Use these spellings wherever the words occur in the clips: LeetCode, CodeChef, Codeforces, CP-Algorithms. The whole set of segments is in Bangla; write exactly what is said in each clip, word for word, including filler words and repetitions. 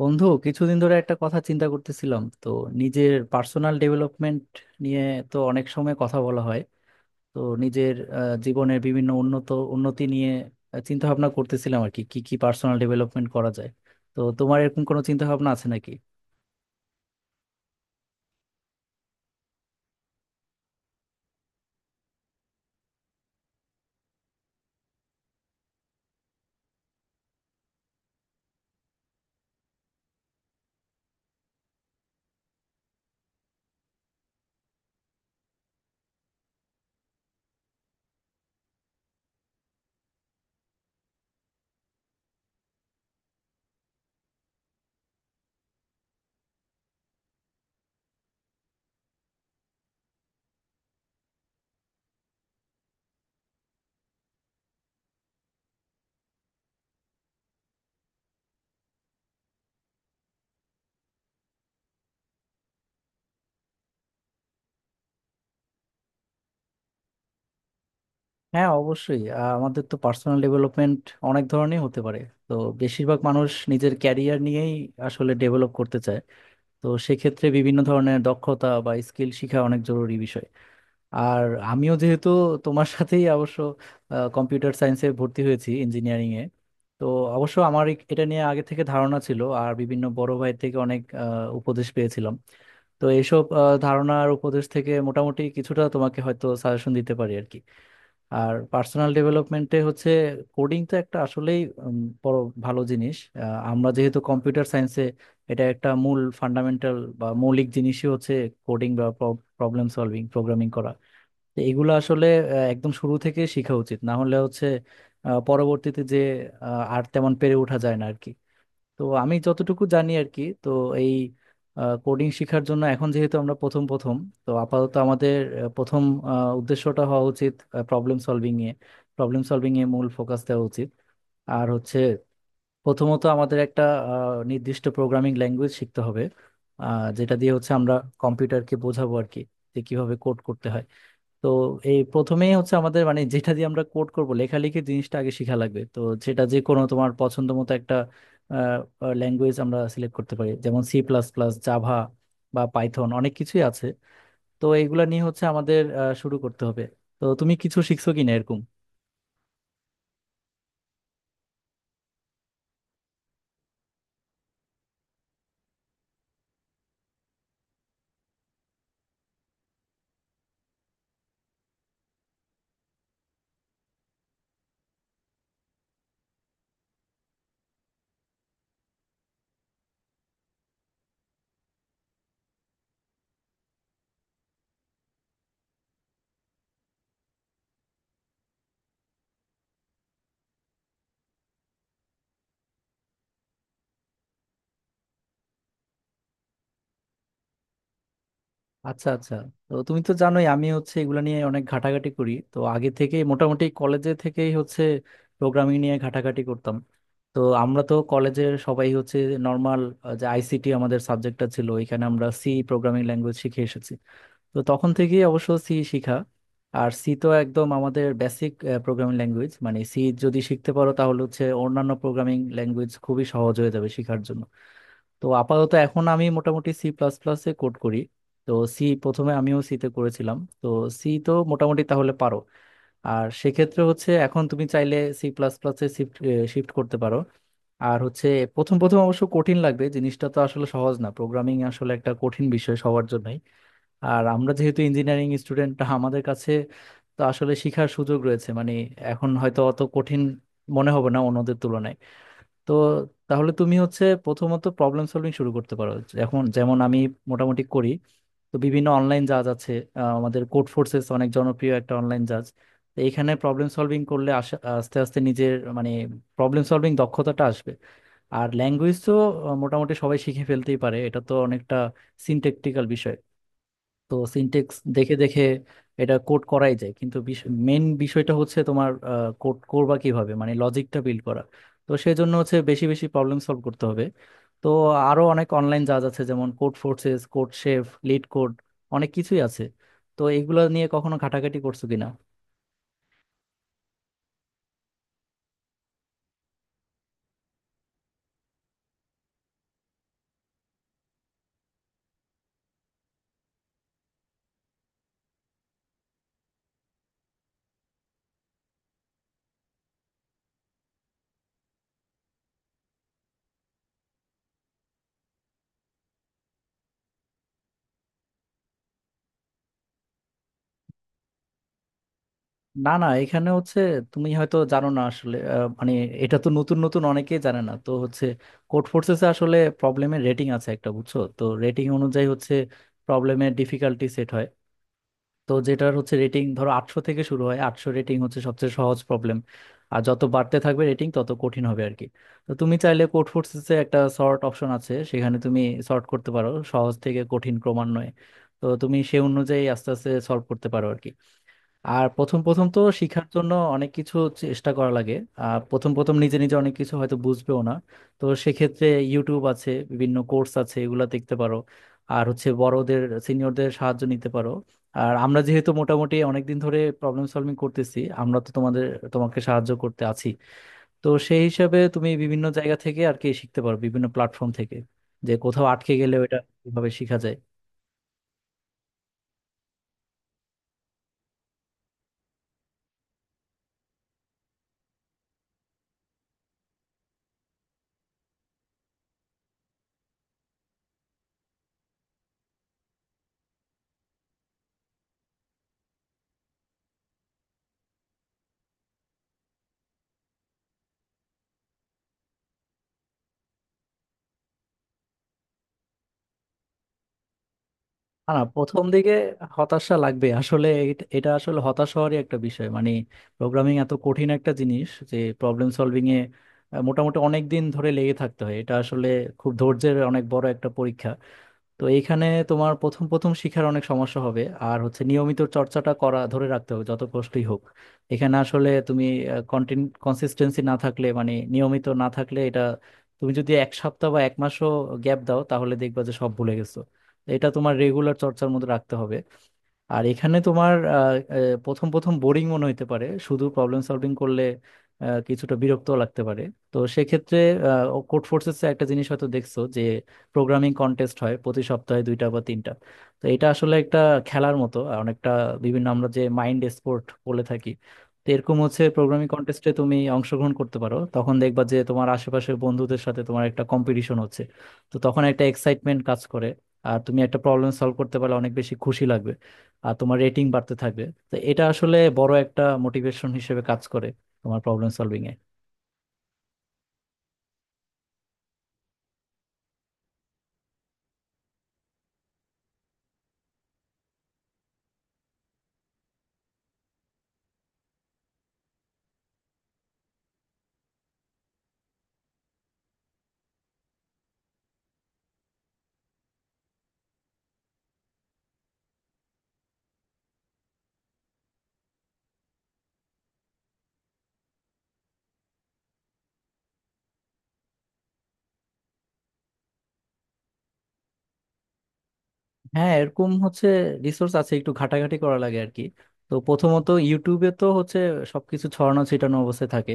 বন্ধু, কিছুদিন ধরে একটা কথা চিন্তা করতেছিলাম তো, নিজের পার্সোনাল ডেভেলপমেন্ট নিয়ে তো অনেক সময় কথা বলা হয়। তো নিজের আহ, জীবনের বিভিন্ন উন্নত উন্নতি নিয়ে চিন্তা ভাবনা করতেছিলাম, আর কি কি কি পার্সোনাল ডেভেলপমেন্ট করা যায়। তো তোমার এরকম কোনো চিন্তা ভাবনা আছে নাকি? হ্যাঁ, অবশ্যই। আহ, আমাদের তো পার্সোনাল ডেভেলপমেন্ট অনেক ধরনের হতে পারে। তো বেশিরভাগ মানুষ নিজের ক্যারিয়ার নিয়েই আসলে ডেভেলপ করতে চায়। তো সেক্ষেত্রে বিভিন্ন ধরনের দক্ষতা বা স্কিল শেখা অনেক জরুরি বিষয়। আর আমিও যেহেতু তোমার সাথেই অবশ্য কম্পিউটার সায়েন্সে ভর্তি হয়েছি, ইঞ্জিনিয়ারিং এ, তো অবশ্য আমার এ- এটা নিয়ে আগে থেকে ধারণা ছিল, আর বিভিন্ন বড় ভাই থেকে অনেক আহ, উপদেশ পেয়েছিলাম। তো এইসব আহ, ধারণা আর উপদেশ থেকে মোটামুটি কিছুটা তোমাকে হয়তো সাজেশন দিতে পারি আর কি। আর পার্সোনাল ডেভেলপমেন্টে হচ্ছে কোডিং তো একটা আসলেই উম, বড় ভালো জিনিস। আহ, আমরা যেহেতু কম্পিউটার সায়েন্সে, এটা একটা মূল ফান্ডামেন্টাল বা মৌলিক জিনিসই হচ্ছে কোডিং বা প্রবলেম সলভিং প্রোগ্রামিং করা। তো এগুলো আসলে আহ, একদম শুরু থেকে শেখা উচিত, না হলে হচ্ছে আহ, পরবর্তীতে যে আহ, আর তেমন পেরে ওঠা যায় না আর কি। তো আমি যতটুকু জানি আর কি, তো এই কোডিং শেখার জন্য এখন যেহেতু আমরা প্রথম প্রথম, তো আপাতত আমাদের আহ, প্রথম আহ, উদ্দেশ্যটা হওয়া উচিত প্রবলেম সলভিং এ, প্রবলেম সলভিং এ মূল ফোকাস দেওয়া উচিত। আর হচ্ছে, প্রথমত আমাদের একটা আহ, নির্দিষ্ট প্রোগ্রামিং ল্যাঙ্গুয়েজ শিখতে হবে, আহ, যেটা দিয়ে হচ্ছে আমরা কম্পিউটারকে বোঝাবো আর কি, যে কিভাবে কোড করতে হয়। তো এই প্রথমেই হচ্ছে আমাদের, মানে যেটা দিয়ে আমরা কোড করব লেখালেখি, জিনিসটা আগে শেখা লাগবে তো। সেটা যে কোনো তোমার পছন্দ মতো একটা ল্যাঙ্গুয়েজ আমরা সিলেক্ট করতে পারি, যেমন সি প্লাস প্লাস, জাভা বা পাইথন, অনেক কিছুই আছে। তো এইগুলা নিয়ে হচ্ছে আমাদের আহ, শুরু করতে হবে। তো তুমি কিছু শিখছো কিনা এরকম? আচ্ছা, আচ্ছা। তো তুমি তো জানোই আমি হচ্ছে এগুলো নিয়ে অনেক ঘাটাঘাটি করি, তো আগে থেকেই মোটামুটি কলেজে থেকেই হচ্ছে প্রোগ্রামিং নিয়ে ঘাটাঘাটি করতাম। তো আমরা তো কলেজের সবাই হচ্ছে নর্মাল, যে আইসিটি আমাদের সাবজেক্টটা ছিল, এখানে আমরা সি প্রোগ্রামিং ল্যাঙ্গুয়েজ শিখে এসেছি। তো তখন থেকেই অবশ্য সি শিখা। আর সি তো একদম আমাদের বেসিক প্রোগ্রামিং ল্যাঙ্গুয়েজ, মানে সি যদি শিখতে পারো তাহলে হচ্ছে অন্যান্য প্রোগ্রামিং ল্যাঙ্গুয়েজ খুবই সহজ হয়ে যাবে শেখার জন্য। তো আপাতত এখন আমি মোটামুটি সি প্লাস প্লাসে কোড করি। তো সি প্রথমে আমিও সিতে করেছিলাম, তো সি তো মোটামুটি তাহলে পারো। আর সেক্ষেত্রে হচ্ছে এখন তুমি চাইলে সি প্লাস প্লাসে শিফট শিফট করতে পারো। আর হচ্ছে, প্রথম প্রথম অবশ্য কঠিন লাগবে জিনিসটা, তো আসলে সহজ না, প্রোগ্রামিং আসলে একটা কঠিন বিষয় সবার জন্যই। আর আমরা যেহেতু ইঞ্জিনিয়ারিং স্টুডেন্ট, আমাদের কাছে তো আসলে শিখার সুযোগ রয়েছে, মানে এখন হয়তো অত কঠিন মনে হবে না অন্যদের তুলনায়। তো তাহলে তুমি হচ্ছে প্রথমত প্রবলেম সলভিং শুরু করতে পারো, এখন যেমন আমি মোটামুটি করি। তো বিভিন্ন অনলাইন জাজ আছে, আহ, আমাদের কোড ফোর্সেস অনেক জনপ্রিয় একটা অনলাইন জাজ। তো এখানে প্রবলেম সলভিং করলে আশা- আস্তে আস্তে নিজের মানে প্রবলেম সলভিং দক্ষতাটা আসবে। আর ল্যাঙ্গুয়েজ তো আহ, মোটামুটি সবাই শিখে ফেলতেই পারে, এটা তো অনেকটা সিনট্যাকটিক্যাল বিষয়। তো সিনটেক্স দেখে দেখে এটা কোড করাই যায়, কিন্তু মেন বিষয়টা হচ্ছে তোমার কোড করবা কিভাবে, মানে লজিকটা বিল্ড করা। তো সেই জন্য হচ্ছে বেশি বেশি প্রবলেম সলভ করতে হবে। তো আরো অনেক অনলাইন জাজ আছে, যেমন Codeforces, CodeChef, LeetCode, অনেক কিছুই আছে। তো এগুলো নিয়ে কখনো ঘাটাঘাটি করছো কিনা? না, না, এখানে হচ্ছে তুমি হয়তো জানো না আসলে, আহ, মানে এটা তো নতুন নতুন অনেকেই জানে না। তো হচ্ছে, কোড ফোর্সেসে আসলে প্রবলেমের রেটিং আছে একটা, বুঝছো তো, রেটিং অনুযায়ী হচ্ছে প্রবলেমের ডিফিকাল্টি সেট হয়। তো যেটার হচ্ছে রেটিং, ধরো আটশো থেকে শুরু হয়, আটশো রেটিং হচ্ছে সবচেয়ে সহজ প্রবলেম। আর যত বাড়তে থাকবে রেটিং তত কঠিন হবে আর কি। তো তুমি চাইলে কোড ফোর্সেসে একটা সর্ট অপশন আছে, সেখানে তুমি সর্ট করতে পারো সহজ থেকে কঠিন ক্রমান্বয়ে। তো তুমি সে অনুযায়ী আস্তে আস্তে সলভ করতে পারো আর কি। আর প্রথম প্রথম তো শিখার জন্য অনেক কিছু চেষ্টা করা লাগে। আর প্রথম প্রথম নিজে নিজে অনেক কিছু হয়তো বুঝবেও না। তো সেক্ষেত্রে ইউটিউব আছে, বিভিন্ন কোর্স আছে, এগুলা দেখতে পারো। আর হচ্ছে বড়দের, সিনিয়রদের সাহায্য নিতে পারো। আর আমরা যেহেতু মোটামুটি অনেকদিন ধরে প্রবলেম সলভিং করতেছি, আমরা তো তোমাদের তোমাকে সাহায্য করতে আছি। তো সেই হিসাবে তুমি বিভিন্ন জায়গা থেকে আর কি শিখতে পারো, বিভিন্ন প্ল্যাটফর্ম থেকে, যে কোথাও আটকে গেলে ওটা কিভাবে শেখা যায়। না, না, প্রথম দিকে হতাশা লাগবে আসলে, এটা এটা আসলে হতাশ হওয়ারই একটা বিষয়, মানে প্রোগ্রামিং এত কঠিন একটা জিনিস যে প্রবলেম সলভিং এ আহ, মোটামুটি অনেক দিন ধরে লেগে থাকতে হয়, এটা আসলে খুব ধৈর্যের অনেক বড় একটা পরীক্ষা। তো এইখানে তোমার প্রথম প্রথম শিখার অনেক সমস্যা হবে, আর হচ্ছে নিয়মিত চর্চাটা করা ধরে রাখতে হবে যত কষ্টই হোক। এখানে আসলে তুমি কনসিস্টেন্সি না থাকলে মানে নিয়মিত না থাকলে এটা, তুমি যদি এক সপ্তাহ বা এক মাসও গ্যাপ দাও তাহলে দেখবা যে সব ভুলে গেছো। তো এটা তোমার রেগুলার চর্চার মধ্যে রাখতে হবে। আর এখানে তোমার আহ, আহ, প্রথম প্রথম বোরিং মনে হতে পারে শুধু প্রবলেম সলভিং করলে, আহ, কিছুটা বিরক্ত লাগতে পারে। তো সেক্ষেত্রে কোড ফোর্সেস একটা জিনিস হয়তো দেখছো, যে প্রোগ্রামিং কন্টেস্ট হয় প্রতি সপ্তাহে দুইটা বা তিনটা। তো এটা আসলে একটা খেলার মতো আর, অনেকটা বিভিন্ন আমরা যে মাইন্ড স্পোর্ট বলে থাকি, তো এরকম হচ্ছে। প্রোগ্রামিং কন্টেস্টে তুমি অংশগ্রহণ করতে পারো, তখন দেখবা যে তোমার আশেপাশের বন্ধুদের সাথে তোমার একটা কম্পিটিশন হচ্ছে। তো তখন একটা এক্সাইটমেন্ট কাজ করে। আর তুমি একটা প্রবলেম সলভ করতে পারলে অনেক বেশি খুশি লাগবে। আর তোমার রেটিং বাড়তে থাকবে। তো এটা আসলে বড় একটা মোটিভেশন হিসেবে কাজ করে তোমার প্রবলেম সলভিং এ। হ্যাঁ, এরকম হচ্ছে রিসোর্স আছে, একটু ঘাটাঘাটি করা লাগে আর কি। তো প্রথমত ইউটিউবে তো হচ্ছে সবকিছু ছড়ানো ছিটানো অবস্থায় থাকে।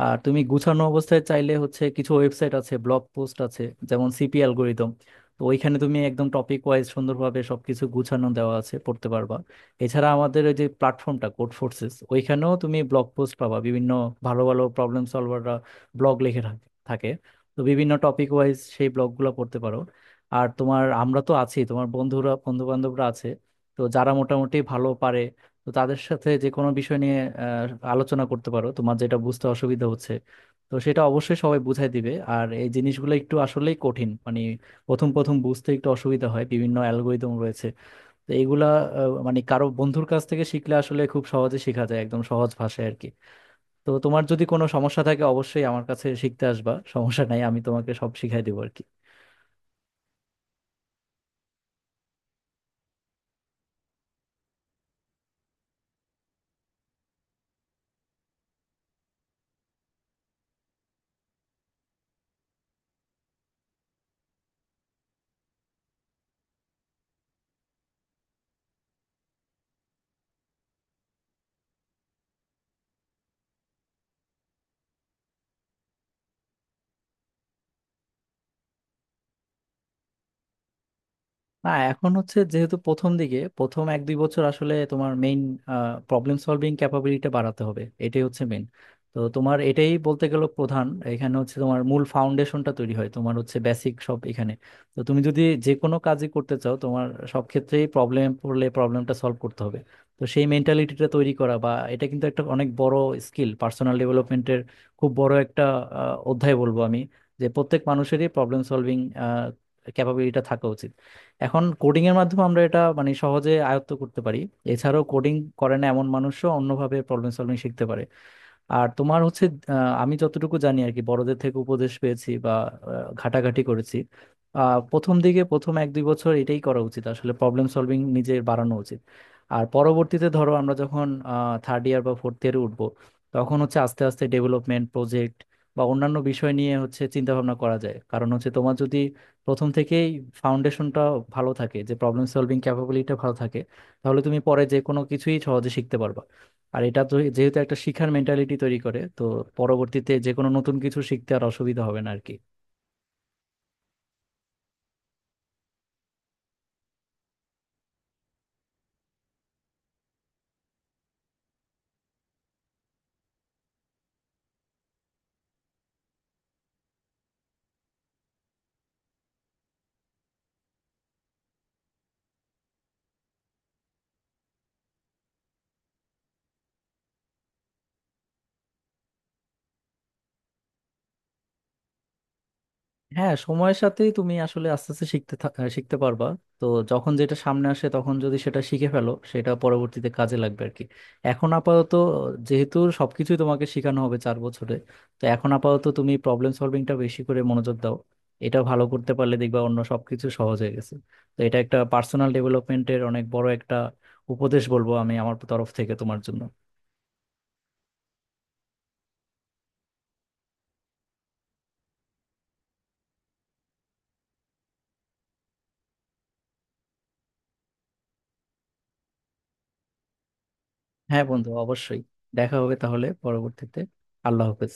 আর তুমি গুছানো অবস্থায় চাইলে হচ্ছে কিছু ওয়েবসাইট আছে, ব্লগ পোস্ট আছে, যেমন সিপি অ্যালগোরিদম। তো ওইখানে তুমি একদম টপিক ওয়াইজ সুন্দরভাবে সবকিছু গুছানো দেওয়া আছে, পড়তে পারবা। এছাড়া আমাদের ওই যে প্ল্যাটফর্মটা কোড ফোর্সেস, ওইখানেও তুমি ব্লগ পোস্ট পাবা, বিভিন্ন ভালো ভালো প্রবলেম সলভাররা ব্লগ লিখে থাকে থাকে। তো বিভিন্ন টপিক ওয়াইজ সেই ব্লগগুলো পড়তে পারো। আর তোমার, আমরা তো আছি, তোমার বন্ধুরা, বন্ধু বান্ধবরা আছে, তো যারা মোটামুটি ভালো পারে, তো তাদের সাথে যে কোনো বিষয় নিয়ে আহ, আলোচনা করতে পারো, তোমার যেটা বুঝতে অসুবিধা হচ্ছে। তো সেটা অবশ্যই সবাই বুঝাই দিবে। আর এই জিনিসগুলো একটু আসলেই কঠিন, মানে প্রথম প্রথম বুঝতে একটু অসুবিধা হয়, বিভিন্ন অ্যালগোরিদম রয়েছে। তো এইগুলা আহ, মানে কারো বন্ধুর কাছ থেকে শিখলে আসলে খুব সহজে শেখা যায় একদম সহজ ভাষায় আর কি। তো তোমার যদি কোনো সমস্যা থাকে অবশ্যই আমার কাছে শিখতে আসবা, সমস্যা নাই, আমি তোমাকে সব শিখাই দেবো আর কি। না, এখন হচ্ছে যেহেতু প্রথম দিকে প্রথম এক দুই বছর আসলে তোমার মেইন প্রবলেম সলভিং ক্যাপাবিলিটি বাড়াতে হবে, এটাই হচ্ছে মেইন। তো তোমার এটাই বলতে গেলে প্রধান, এখানে হচ্ছে তোমার মূল ফাউন্ডেশনটা তৈরি হয়, তোমার হচ্ছে বেসিক সব এখানে। তো তুমি যদি যে কোনো কাজই করতে চাও তোমার সব ক্ষেত্রেই প্রবলেম পড়লে প্রবলেমটা সলভ করতে হবে। তো সেই মেন্টালিটিটা তৈরি করা, বা এটা কিন্তু একটা অনেক বড় স্কিল, পার্সোনাল ডেভেলপমেন্টের খুব বড় একটা আহ, অধ্যায় বলবো আমি, যে প্রত্যেক মানুষেরই প্রবলেম সলভিং ক্যাপাবিলিটিটা থাকা উচিত। এখন কোডিং এর মাধ্যমে আমরা এটা মানে সহজে আয়ত্ত করতে পারি। এছাড়াও কোডিং করে না এমন মানুষও অন্যভাবে প্রবলেম সলভিং শিখতে পারে। আর তোমার হচ্ছে আহ, আমি যতটুকু জানি আর কি, বড়দের থেকে উপদেশ পেয়েছি বা আহ, ঘাটাঘাটি করেছি, আহ, প্রথম দিকে প্রথম এক দুই বছর এটাই করা উচিত আসলে, প্রবলেম সলভিং নিজের বাড়ানো উচিত। আর পরবর্তীতে ধরো আমরা যখন থার্ড ইয়ার বা ফোর্থ ইয়ারে উঠবো, তখন হচ্ছে আস্তে আস্তে ডেভেলপমেন্ট প্রজেক্ট বা অন্যান্য বিষয় নিয়ে হচ্ছে চিন্তা ভাবনা করা যায়। কারণ হচ্ছে তোমার যদি প্রথম থেকেই ফাউন্ডেশনটা ভালো থাকে, যে প্রবলেম সলভিং ক্যাপাবিলিটিটা ভালো থাকে, তাহলে তুমি পরে যে কোনো কিছুই সহজে শিখতে পারবা। আর এটা তো যেহেতু একটা শিখার মেন্টালিটি তৈরি করে, তো পরবর্তীতে যে কোনো নতুন কিছু শিখতে আর অসুবিধা হবে না আর কি। হ্যাঁ, সময়ের সাথেই তুমি আসলে আস্তে আস্তে শিখতে থা- আহ, শিখতে পারবা। তো যখন যেটা সামনে আসে তখন যদি সেটা শিখে ফেলো সেটা পরবর্তীতে কাজে লাগবে আর কি। এখন আপাতত যেহেতু সবকিছুই তোমাকে শেখানো হবে চার বছরে, তো এখন আপাতত তুমি প্রবলেম সলভিংটা বেশি করে মনোযোগ দাও। এটা ভালো করতে পারলে দেখবা অন্য সবকিছু সহজ হয়ে গেছে। তো এটা একটা পার্সোনাল ডেভেলপমেন্টের অনেক বড় একটা উপদেশ বলবো আমি আমার তরফ থেকে তোমার জন্য। হ্যাঁ বন্ধু, অবশ্যই। দেখা হবে তাহলে পরবর্তীতে। আল্লাহ হাফেজ।